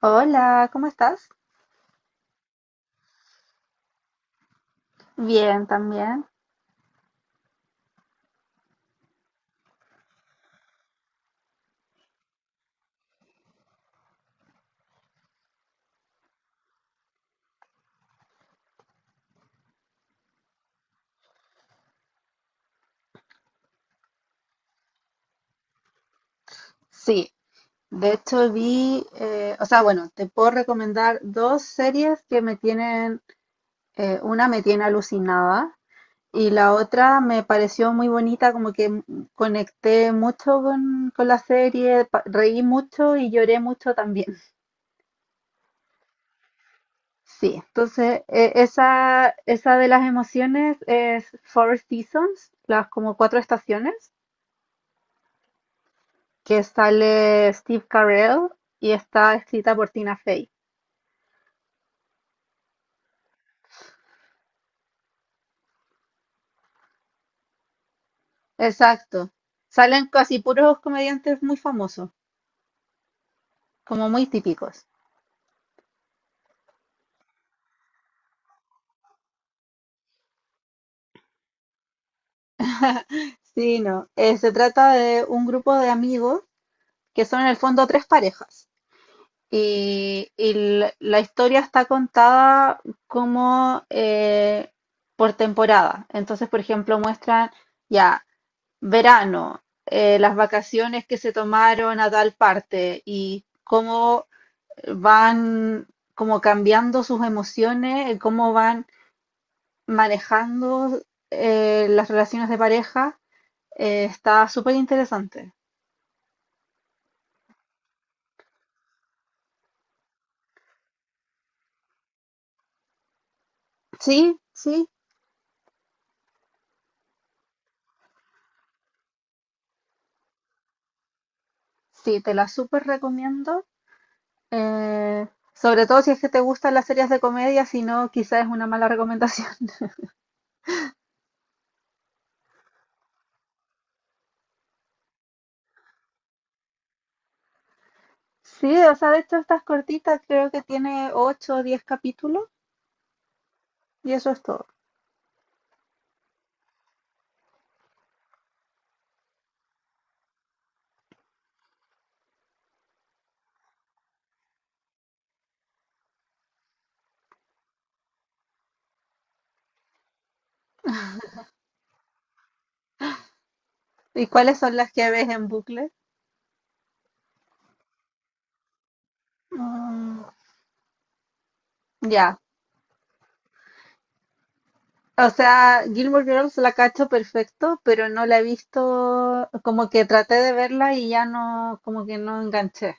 Hola, ¿cómo estás? Bien, también. Sí, de hecho vi, o sea, bueno, te puedo recomendar dos series que me tienen, una me tiene alucinada y la otra me pareció muy bonita, como que conecté mucho con la serie, reí mucho y lloré mucho también. Sí, entonces esa de las emociones es Four Seasons, las como cuatro estaciones, que sale Steve Carell y está escrita por Tina Fey. Exacto. Salen casi puros comediantes muy famosos, como muy típicos. Sí, no. Se trata de un grupo de amigos que son en el fondo tres parejas. Y la historia está contada como por temporada. Entonces, por ejemplo, muestran ya verano, las vacaciones que se tomaron a tal parte y cómo van como cambiando sus emociones, cómo van manejando las relaciones de pareja. Está súper interesante. Sí, sí, sí, te la súper recomiendo. Eh, Sobre todo si es que te gustan las series de comedia, si no, quizás es una mala recomendación. Sí, o sea, de hecho estas cortitas creo que tiene 8 o 10 capítulos y eso es todo. ¿Y cuáles son las que ves en bucle? Mm, ya. O sea, Gilmore Girls la cacho perfecto, pero no la he visto, como que traté de verla y ya no, como que no enganché.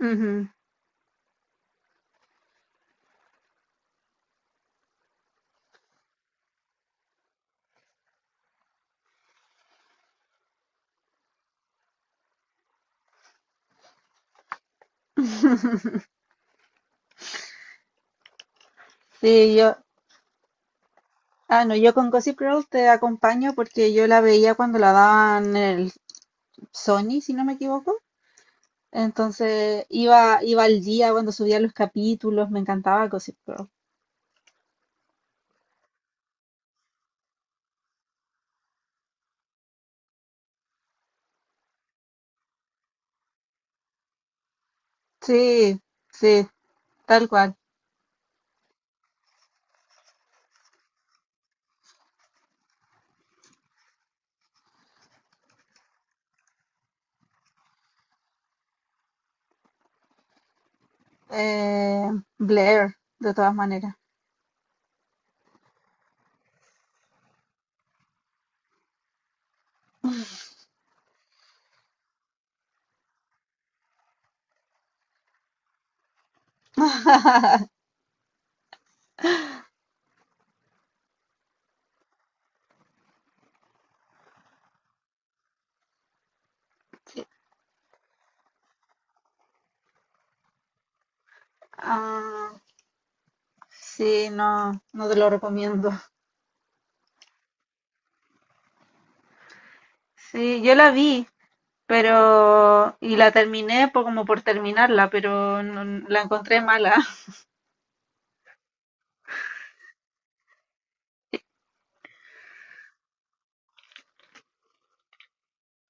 Ujú. Sí, ah, no, yo con Gossip Girl te acompaño porque yo la veía cuando la daban en el Sony, si no me equivoco. Entonces iba al día cuando subía los capítulos, me encantaba Gossip Girl. Sí, sí, tal cual. Eh, Blair, de todas maneras. Ah, sí, no, no te lo recomiendo. Sí, yo la vi, pero y la terminé por, como por terminarla, pero la encontré mala.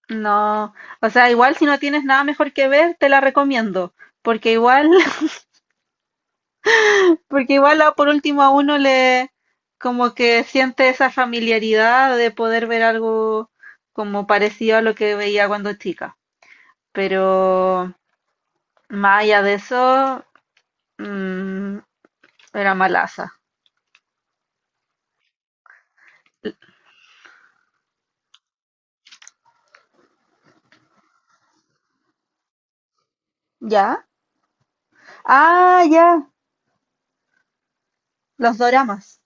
No, o sea, igual si no tienes nada mejor que ver, te la recomiendo, porque igual, porque igual por último a uno le como que siente esa familiaridad de poder ver algo como parecido a lo que veía cuando chica, pero más allá de eso, mm, era malaza. ¿Ya? Ah, ya, los doramas.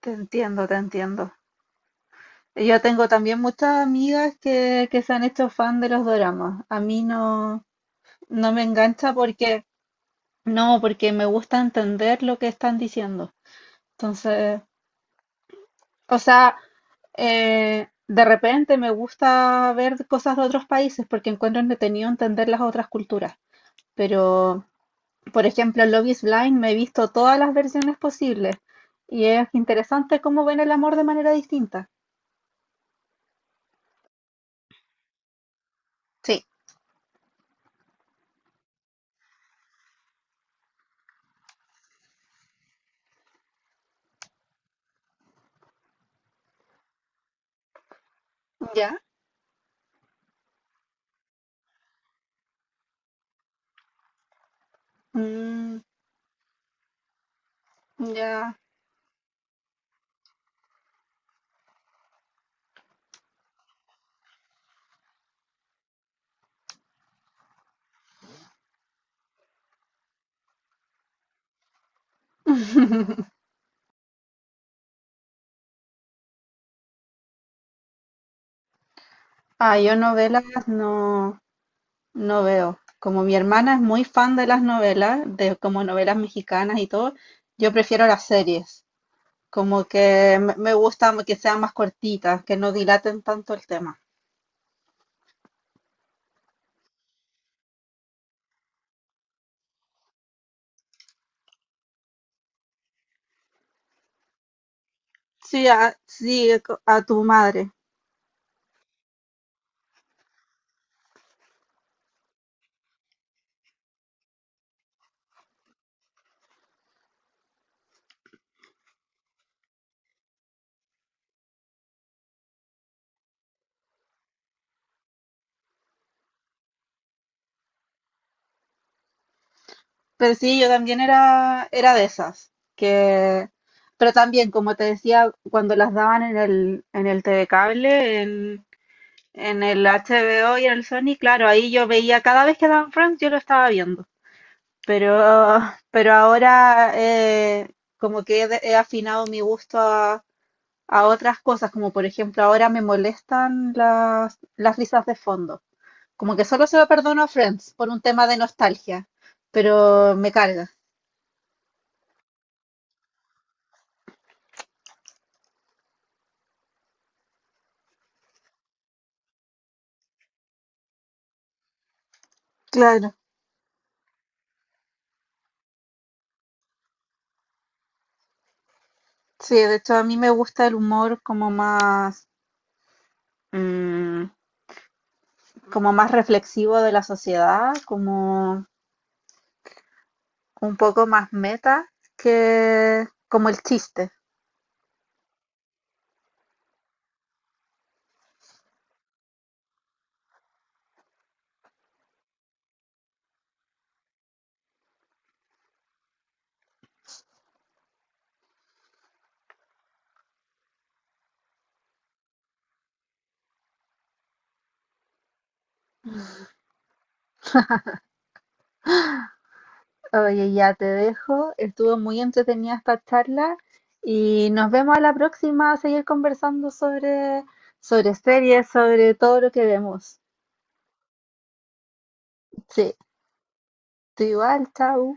Te entiendo, te entiendo. Yo tengo también muchas amigas que se han hecho fan de los doramas. A mí no, no me engancha porque, no, porque me gusta entender lo que están diciendo. Entonces, o sea, de repente me gusta ver cosas de otros países porque encuentro entretenido entender las otras culturas. Pero, por ejemplo, en Love is Blind me he visto todas las versiones posibles y es interesante cómo ven el amor de manera distinta. Sí. Ya. Mm, ya. Ah, yo novelas no, no veo. Como mi hermana es muy fan de las novelas, de como novelas mexicanas y todo, yo prefiero las series. Como que me gusta que sean más cortitas, que no dilaten tanto el tema. Sí, sí, a tu madre. Pero sí, yo también era de esas, que, pero también, como te decía, cuando las daban en el T TV Cable, en el HBO y en el Sony, claro, ahí yo veía, cada vez que daban Friends yo lo estaba viendo, pero, pero ahora como que he afinado mi gusto a otras cosas, como por ejemplo ahora me molestan las risas de fondo, como que solo se lo perdono a Friends por un tema de nostalgia, pero me carga. Claro. Sí, de hecho a mí me gusta el humor como más, mm, como más reflexivo de la sociedad, como un poco más meta que como el chiste. Oye, ya te dejo. Estuvo muy entretenida esta charla y nos vemos a la próxima a seguir conversando sobre series, sobre todo lo que vemos. Sí, tú igual, chao.